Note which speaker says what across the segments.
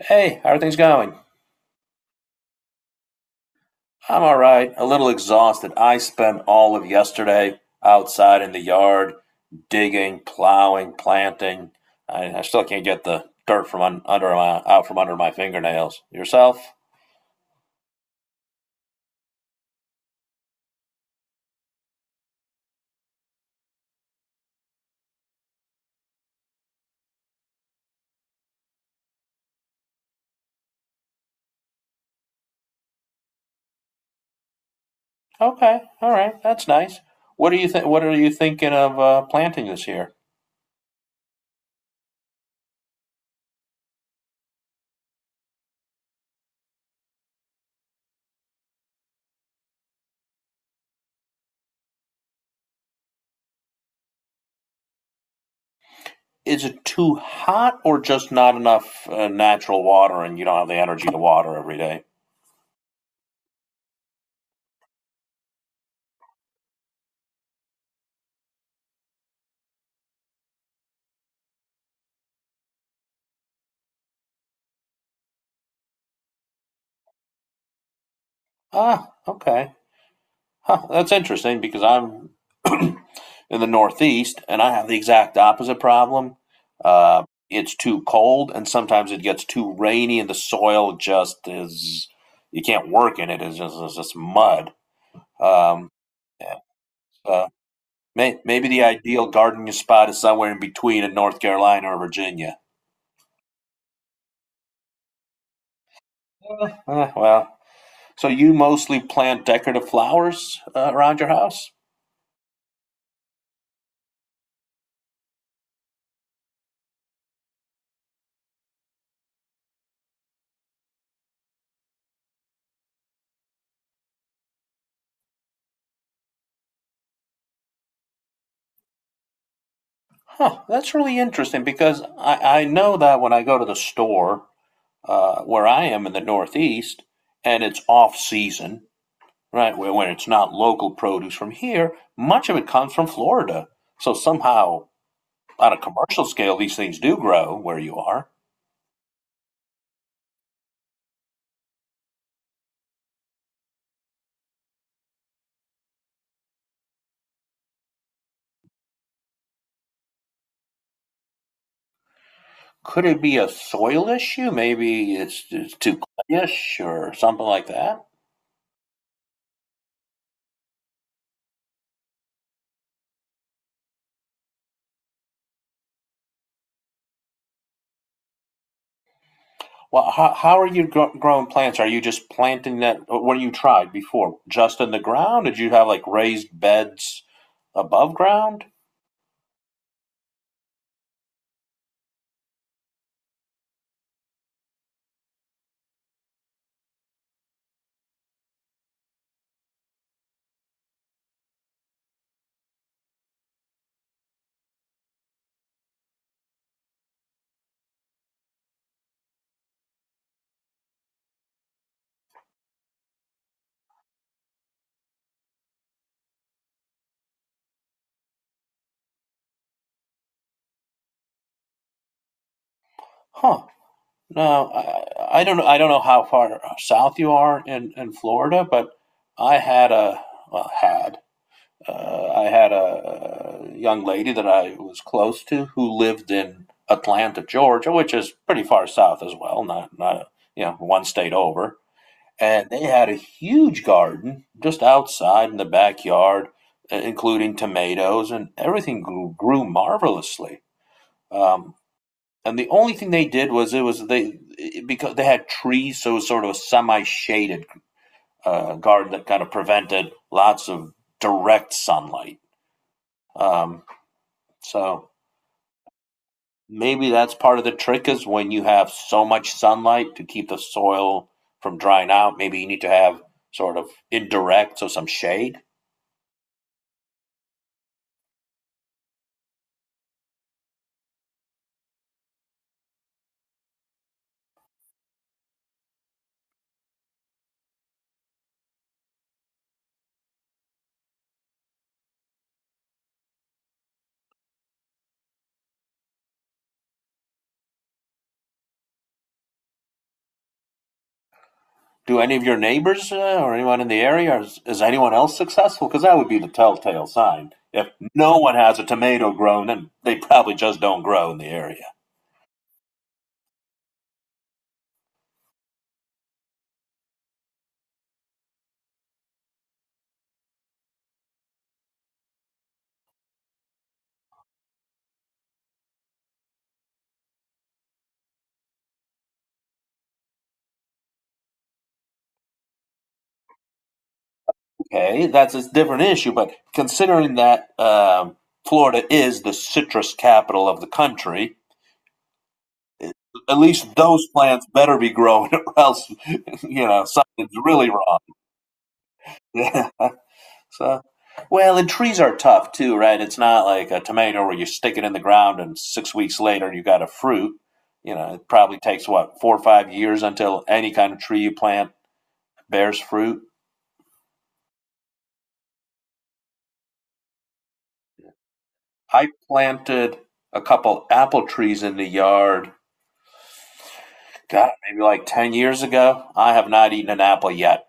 Speaker 1: Hey, how are things going? I'm all right. A little exhausted. I spent all of yesterday outside in the yard digging, plowing, planting. I still can't get the dirt from under my out from under my fingernails. Yourself? Okay, all right. That's nice. What are you thinking of planting this year? Is it too hot or just not enough natural water, and you don't have the energy to water every day? Ah, okay. Huh, that's interesting because I'm in the Northeast and I have the exact opposite problem. Uh, it's too cold and sometimes it gets too rainy and the soil just is, you can't work in it. It's just mud. Um, yeah, so maybe the ideal gardening spot is somewhere in between in North Carolina or Virginia. Eh, well, so you mostly plant decorative flowers around your house? Huh, that's really interesting because I know that when I go to the store, where I am in the Northeast, and it's off season, right? Where when it's not local produce from here, much of it comes from Florida. So somehow, on a commercial scale, these things do grow where you are. Could it be a soil issue? Maybe it's too clayish or something like that. Well, how are you growing plants? Are you just planting that? What you tried before? Just in the ground? Did you have like raised beds above ground? Huh. No, I don't know. I don't know how far south you are in Florida, but I had a well, had I had a young lady that I was close to who lived in Atlanta, Georgia, which is pretty far south as well, not not you know one state over. And they had a huge garden just outside in the backyard, including tomatoes, and everything grew marvelously. Um, and the only thing they did was it was they because they had trees, so it was sort of a semi-shaded garden that kind of prevented lots of direct sunlight. Um, so maybe that's part of the trick is when you have so much sunlight to keep the soil from drying out. Maybe you need to have sort of indirect, so some shade. Do any of your neighbors or anyone in the area, is anyone else successful? Because that would be the telltale sign. If no one has a tomato grown, then they probably just don't grow in the area. Okay, that's a different issue, but considering that Florida is the citrus capital of the country, at least those plants better be growing, or else, you know, something's really wrong. So, well, and trees are tough too, right? It's not like a tomato where you stick it in the ground and 6 weeks later you got a fruit. You know, it probably takes what 4 or 5 years until any kind of tree you plant bears fruit. I planted a couple apple trees in the yard. God, maybe like 10 years ago. I have not eaten an apple yet.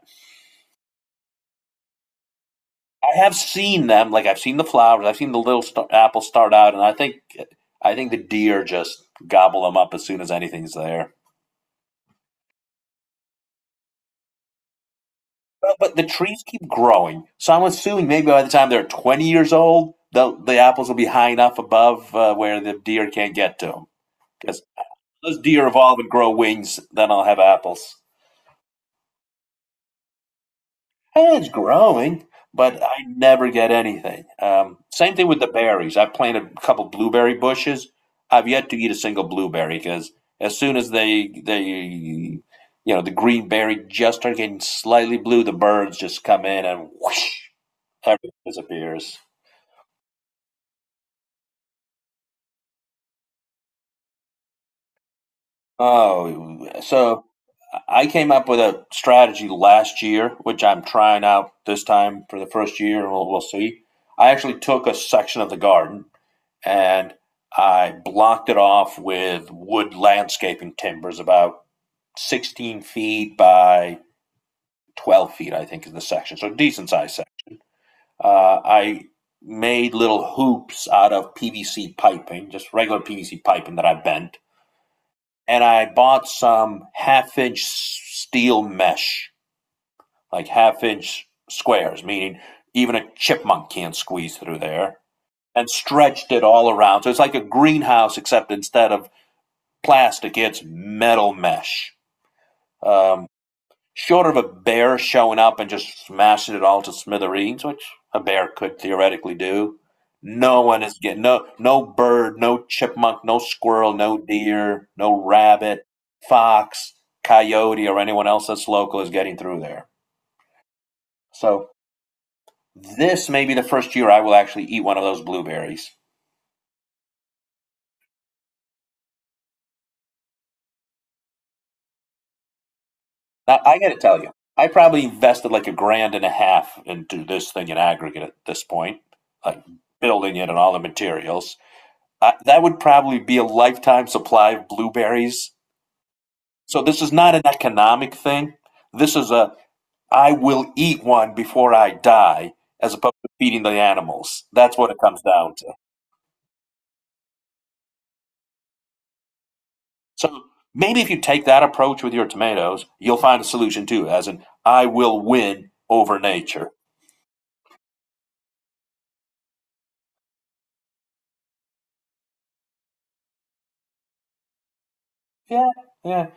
Speaker 1: I have seen them, like I've seen the flowers. I've seen the little apples start out, and I think the deer just gobble them up as soon as anything's there. Well, but the trees keep growing, so I'm assuming maybe by the time they're 20 years old, the apples will be high enough above where the deer can't get to them. Because those deer evolve and grow wings, then I'll have apples. And it's growing, but I never get anything. Same thing with the berries. I planted a couple blueberry bushes. I've yet to eat a single blueberry because as soon as they you know the green berry just start getting slightly blue, the birds just come in and whoosh, everything disappears. Oh, so I came up with a strategy last year, which I'm trying out this time for the first year. We'll see. I actually took a section of the garden and I blocked it off with wood landscaping timbers, about 16 feet by 12 feet, I think is the section. So decent size section. I made little hoops out of PVC piping, just regular PVC piping that I bent and I bought some half inch steel mesh, like half inch squares, meaning even a chipmunk can't squeeze through there, and stretched it all around. So it's like a greenhouse, except instead of plastic, it's metal mesh. Um, Short of a bear showing up and just smashing it all to smithereens, which a bear could theoretically do, no one is getting no bird, no chipmunk, no squirrel, no deer, no rabbit, fox, coyote, or anyone else that's local is getting through there. So this may be the first year I will actually eat one of those blueberries. Now, I got to tell you, I probably invested like a grand and a half into this thing in aggregate at this point, like building it and all the materials. That would probably be a lifetime supply of blueberries. So this is not an economic thing. This is a I will eat one before I die, as opposed to feeding the animals. That's what it comes down to. So maybe if you take that approach with your tomatoes, you'll find a solution too, as in I will win over nature. Yeah, yeah.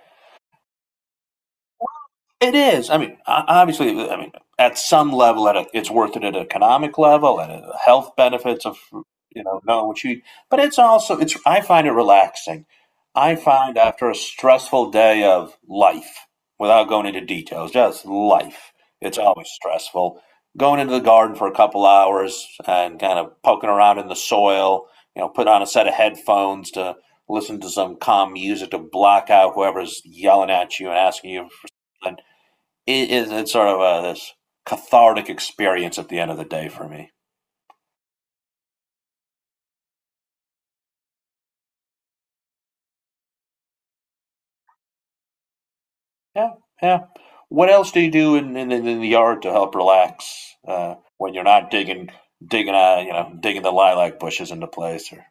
Speaker 1: It is. I mean, obviously, I mean, at some level, at a, it's worth it at an economic level, at a health benefits of you know knowing what you. Eat. But it's also it's. I find it relaxing. I find after a stressful day of life, without going into details, just life. It's always stressful. Going into the garden for a couple hours and kind of poking around in the soil. You know, put on a set of headphones to listen to some calm music to block out whoever's yelling at you and asking you. And it is it's sort of a, this cathartic experience at the end of the day for me. Yeah, yeah. What else do you do in in the yard to help relax when you're not digging you know digging the lilac bushes into place or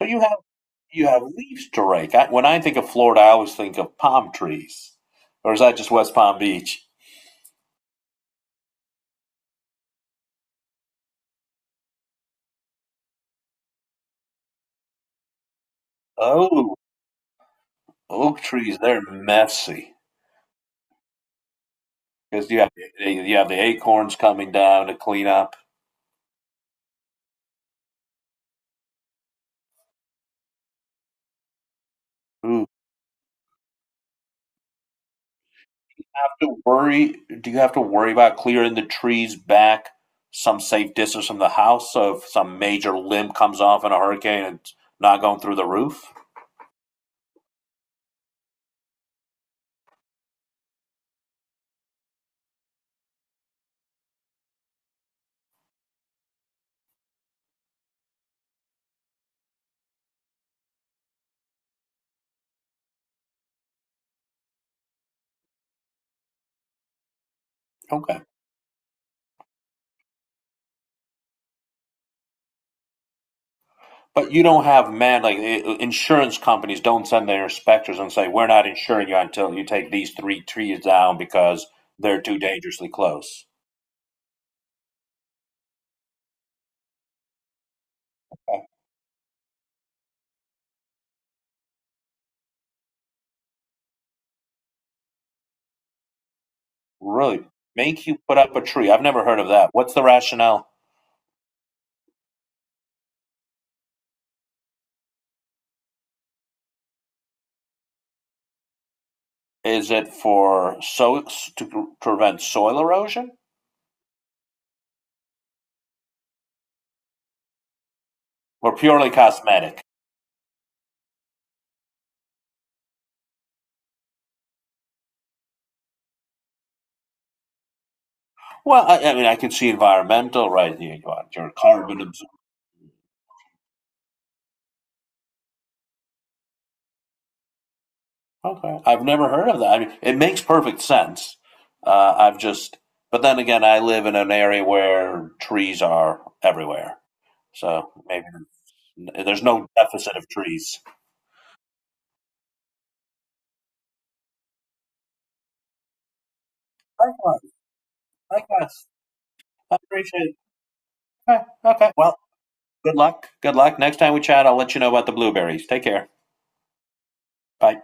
Speaker 1: so you have leaves to rake. I, when I think of Florida, I always think of palm trees, or is that just West Palm Beach? Oh, oak trees, they're messy because you have the acorns coming down to clean up. Ooh. Have to worry? Do you have to worry about clearing the trees back some safe distance from the house so if some major limb comes off in a hurricane and it's not going through the roof? Okay. But you don't have man like insurance companies don't send their inspectors and say we're not insuring you until you take these three trees down because they're too dangerously close. Okay. Really make you put up a tree? I've never heard of that. What's the rationale? Is it for so to prevent soil erosion or purely cosmetic? Well, I mean, I can see environmental, right? You want Your carbon Okay. I've never heard of that. I mean, it makes perfect sense. I've just, but then again, I live in an area where trees are everywhere. So maybe there's no deficit of trees. Likewise. Likewise. I appreciate it. Okay. Okay. Well, good luck. Good luck. Next time we chat, I'll let you know about the blueberries. Take care. Bye.